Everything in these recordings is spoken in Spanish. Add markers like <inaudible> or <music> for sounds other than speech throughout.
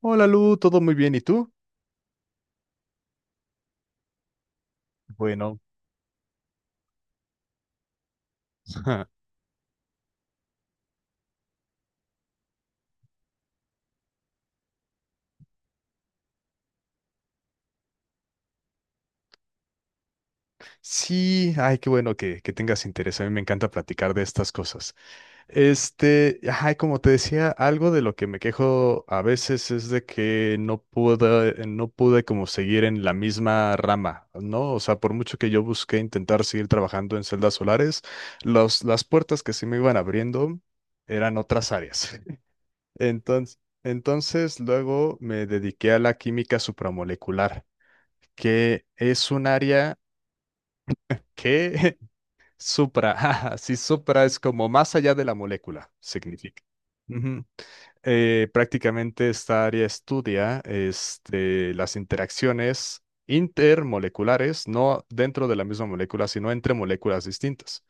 Hola Lu, todo muy bien, ¿y tú? Bueno, <laughs> sí, ay, qué bueno que tengas interés, a mí me encanta platicar de estas cosas. Como te decía, algo de lo que me quejo a veces es de que no pude como seguir en la misma rama, ¿no? O sea, por mucho que yo busqué intentar seguir trabajando en celdas solares, las puertas que se me iban abriendo eran otras áreas. <laughs> Entonces luego me dediqué a la química supramolecular, que es un área que <laughs> supra, <laughs> si supra es como más allá de la molécula, significa. Ujú. Prácticamente esta área estudia las interacciones intermoleculares, no dentro de la misma molécula, sino entre moléculas distintas.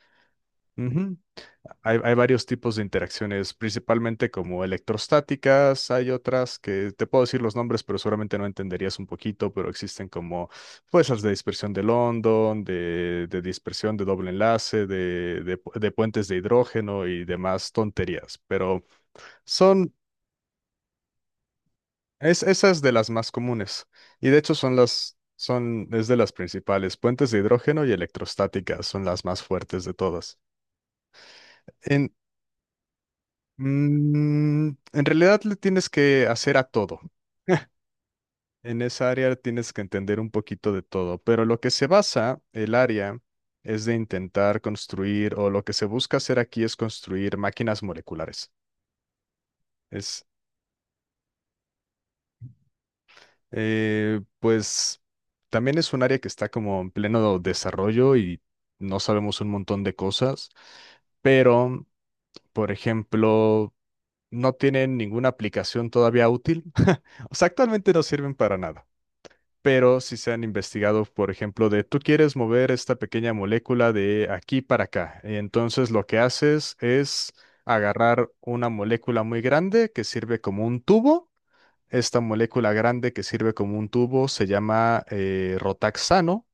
Ujú. Hay varios tipos de interacciones, principalmente como electrostáticas. Hay otras que te puedo decir los nombres, pero seguramente no entenderías un poquito, pero existen como fuerzas de dispersión de London, de dispersión de doble enlace, de de puentes de hidrógeno y demás tonterías, pero son, esas de las más comunes, y de hecho es de las principales. Puentes de hidrógeno y electrostáticas son las más fuertes de todas. En, en realidad le tienes que hacer a todo. <laughs> En esa área tienes que entender un poquito de todo, pero lo que se basa el área es de intentar construir, o lo que se busca hacer aquí es construir máquinas moleculares. Es, pues, también es un área que está como en pleno desarrollo y no sabemos un montón de cosas, pero, por ejemplo, no tienen ninguna aplicación todavía útil. <laughs> O sea, actualmente no sirven para nada. Pero si se han investigado, por ejemplo, de tú quieres mover esta pequeña molécula de aquí para acá. Entonces lo que haces es agarrar una molécula muy grande que sirve como un tubo. Esta molécula grande que sirve como un tubo se llama rotaxano,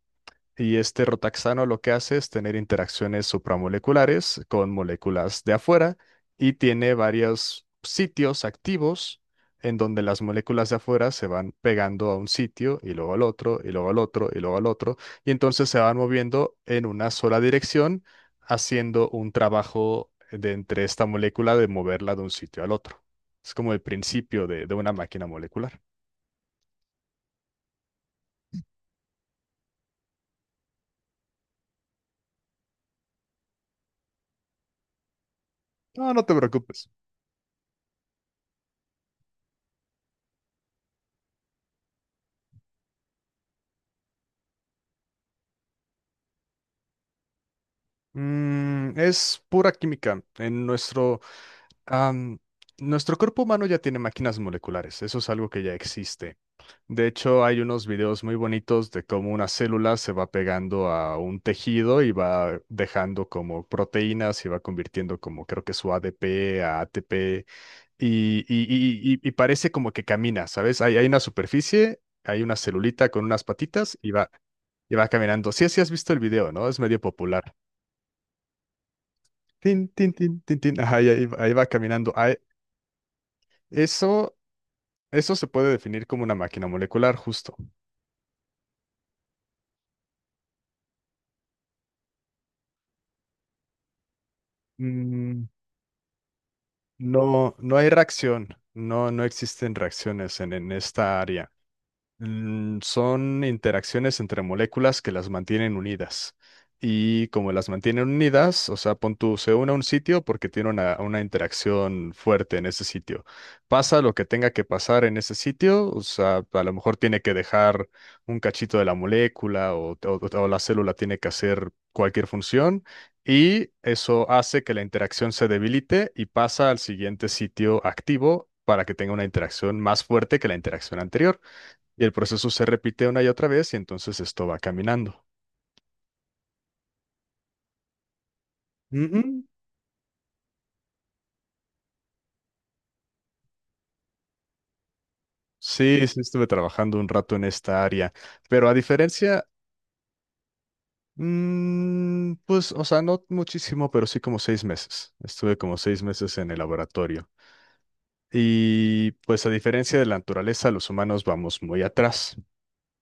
y este rotaxano lo que hace es tener interacciones supramoleculares con moléculas de afuera y tiene varios sitios activos en donde las moléculas de afuera se van pegando a un sitio y luego al otro y luego al otro y luego al otro, y entonces se van moviendo en una sola dirección haciendo un trabajo de entre esta molécula de moverla de un sitio al otro. Es como el principio de una máquina molecular. No, no te preocupes. Mm, es pura química. Am, Nuestro cuerpo humano ya tiene máquinas moleculares, eso es algo que ya existe. De hecho, hay unos videos muy bonitos de cómo una célula se va pegando a un tejido y va dejando como proteínas y va convirtiendo como creo que su ADP a ATP, y parece como que camina, ¿sabes? Hay una superficie, hay una celulita con unas patitas y y va caminando. Sí, sí has visto el video, ¿no? Es medio popular. Tin, tin, tin, tin, tin. Ajá, y ahí va caminando. Eso Eso se puede definir como una máquina molecular, justo. Mm, no hay reacción, no existen reacciones en esta área. Mm, son interacciones entre moléculas que las mantienen unidas. Y como las mantienen unidas, o sea, pon tú, se une a un sitio porque tiene una interacción fuerte en ese sitio. Pasa lo que tenga que pasar en ese sitio, o sea, a lo mejor tiene que dejar un cachito de la molécula, o la célula tiene que hacer cualquier función, y eso hace que la interacción se debilite y pasa al siguiente sitio activo para que tenga una interacción más fuerte que la interacción anterior. Y el proceso se repite una y otra vez y entonces esto va caminando. Ujú. Sí, sí, estuve trabajando un rato en esta área, pero a diferencia, pues, o sea, no muchísimo, pero sí como seis meses. Estuve como seis meses en el laboratorio. Y pues a diferencia de la naturaleza, los humanos vamos muy atrás,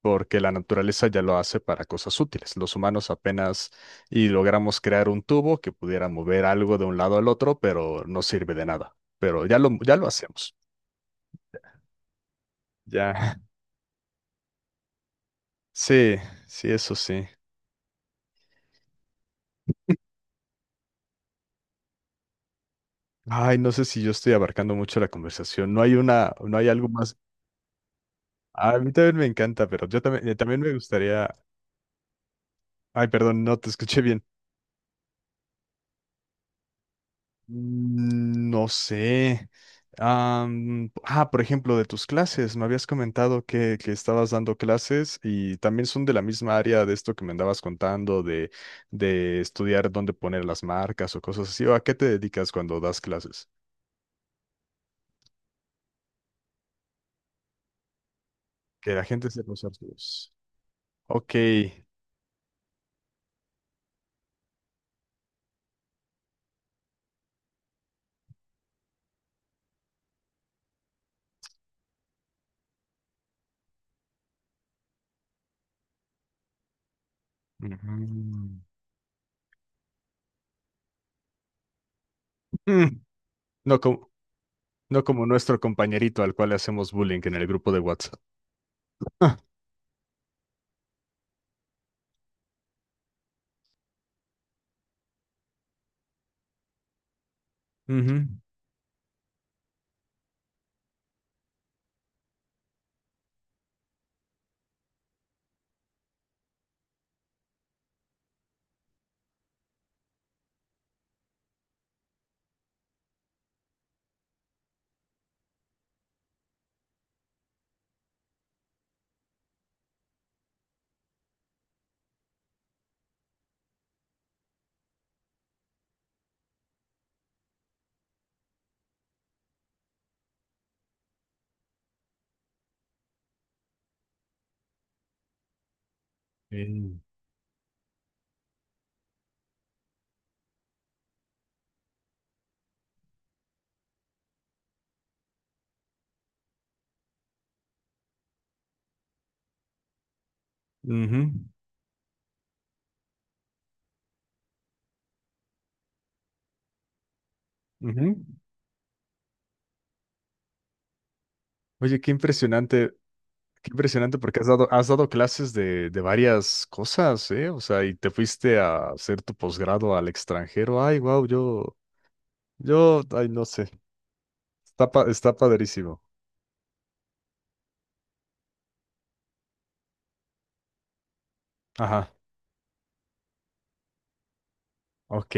porque la naturaleza ya lo hace para cosas útiles. Los humanos apenas y logramos crear un tubo que pudiera mover algo de un lado al otro, pero no sirve de nada. Pero ya lo hacemos. Ya, sí, sí, eso sí. Ay, no sé si yo estoy abarcando mucho la conversación. No hay una, no hay algo más. A mí también me encanta, pero yo también, también me gustaría. Ay, perdón, no te escuché bien. No sé. Por ejemplo, de tus clases, me habías comentado que estabas dando clases y también son de la misma área de esto que me andabas contando, de estudiar dónde poner las marcas o cosas así. ¿O a qué te dedicas cuando das clases? Que la gente sepa usar su voz. Ok. Mm. Mm, no como, no como nuestro compañerito al cual le hacemos bullying en el grupo de WhatsApp. Ah, ujú. Sí. Ujú, ujú. Oye, qué impresionante porque has dado clases de varias cosas, ¿eh? O sea, y te fuiste a hacer tu posgrado al extranjero. Ay, wow, no sé. Está padrísimo. Ajá. Ok.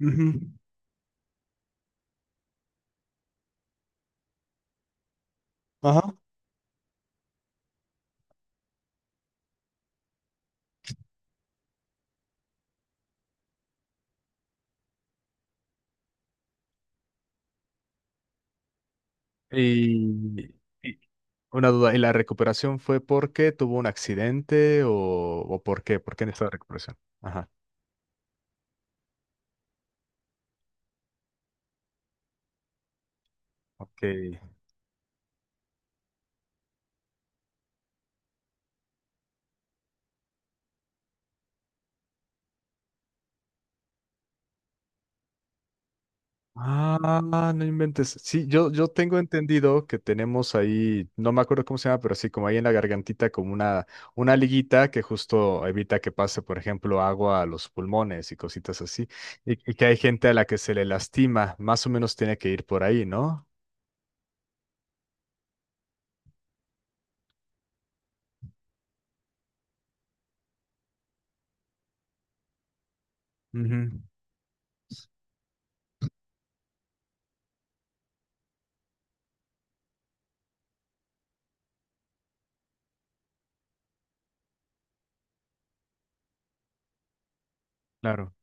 Ujú, ajá. Y, y- Una duda, ¿y la recuperación fue porque tuvo un accidente o por qué? ¿Por qué necesita recuperación? Ajá, ok. Ah, no inventes. Sí, yo tengo entendido que tenemos ahí, no me acuerdo cómo se llama, pero sí, como ahí en la gargantita, como una liguita que justo evita que pase, por ejemplo, agua a los pulmones y cositas así. Que hay gente a la que se le lastima, más o menos tiene que ir por ahí, ¿no? Ujú, claro.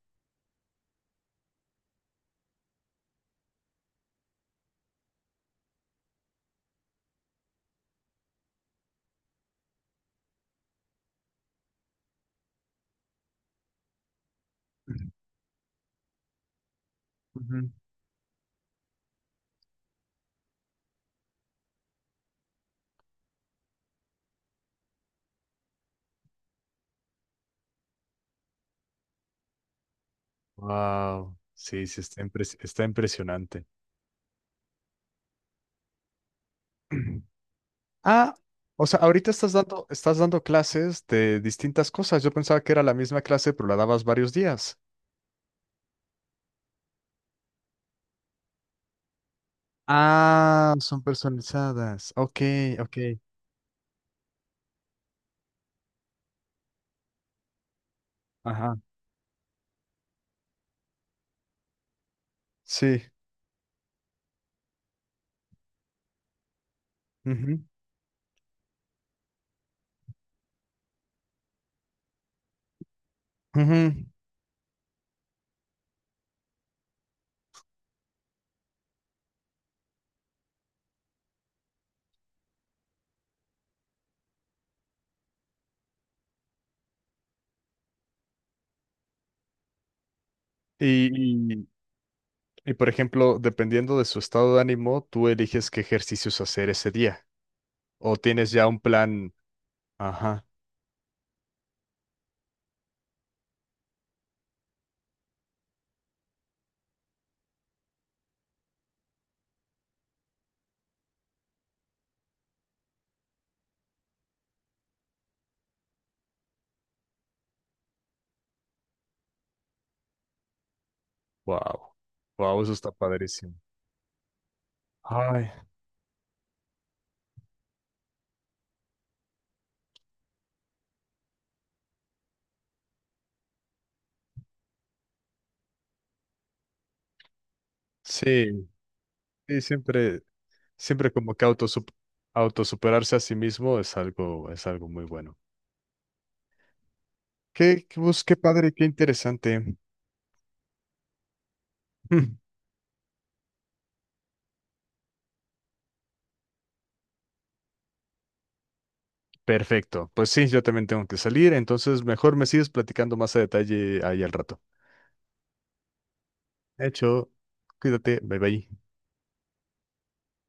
Wow, sí, sí, está impresionante. Ah, o sea, ahorita estás dando clases de distintas cosas. Yo pensaba que era la misma clase, pero la dabas varios días. Ah, son personalizadas. Ok, ok. Ajá. Sí. Ujú, ujú. Y, y- por ejemplo, dependiendo de su estado de ánimo, tú eliges qué ejercicios hacer ese día. O tienes ya un plan. Ajá. Wow. Wow, eso está padrísimo. Ay. Sí, sí, siempre. Siempre como que autosuperarse a sí mismo es algo muy bueno. Qué padre, qué interesante. Mm, perfecto. Pues sí, yo también tengo que salir, entonces mejor me sigues platicando más a detalle ahí al rato. Hecho, cuídate, bye bye.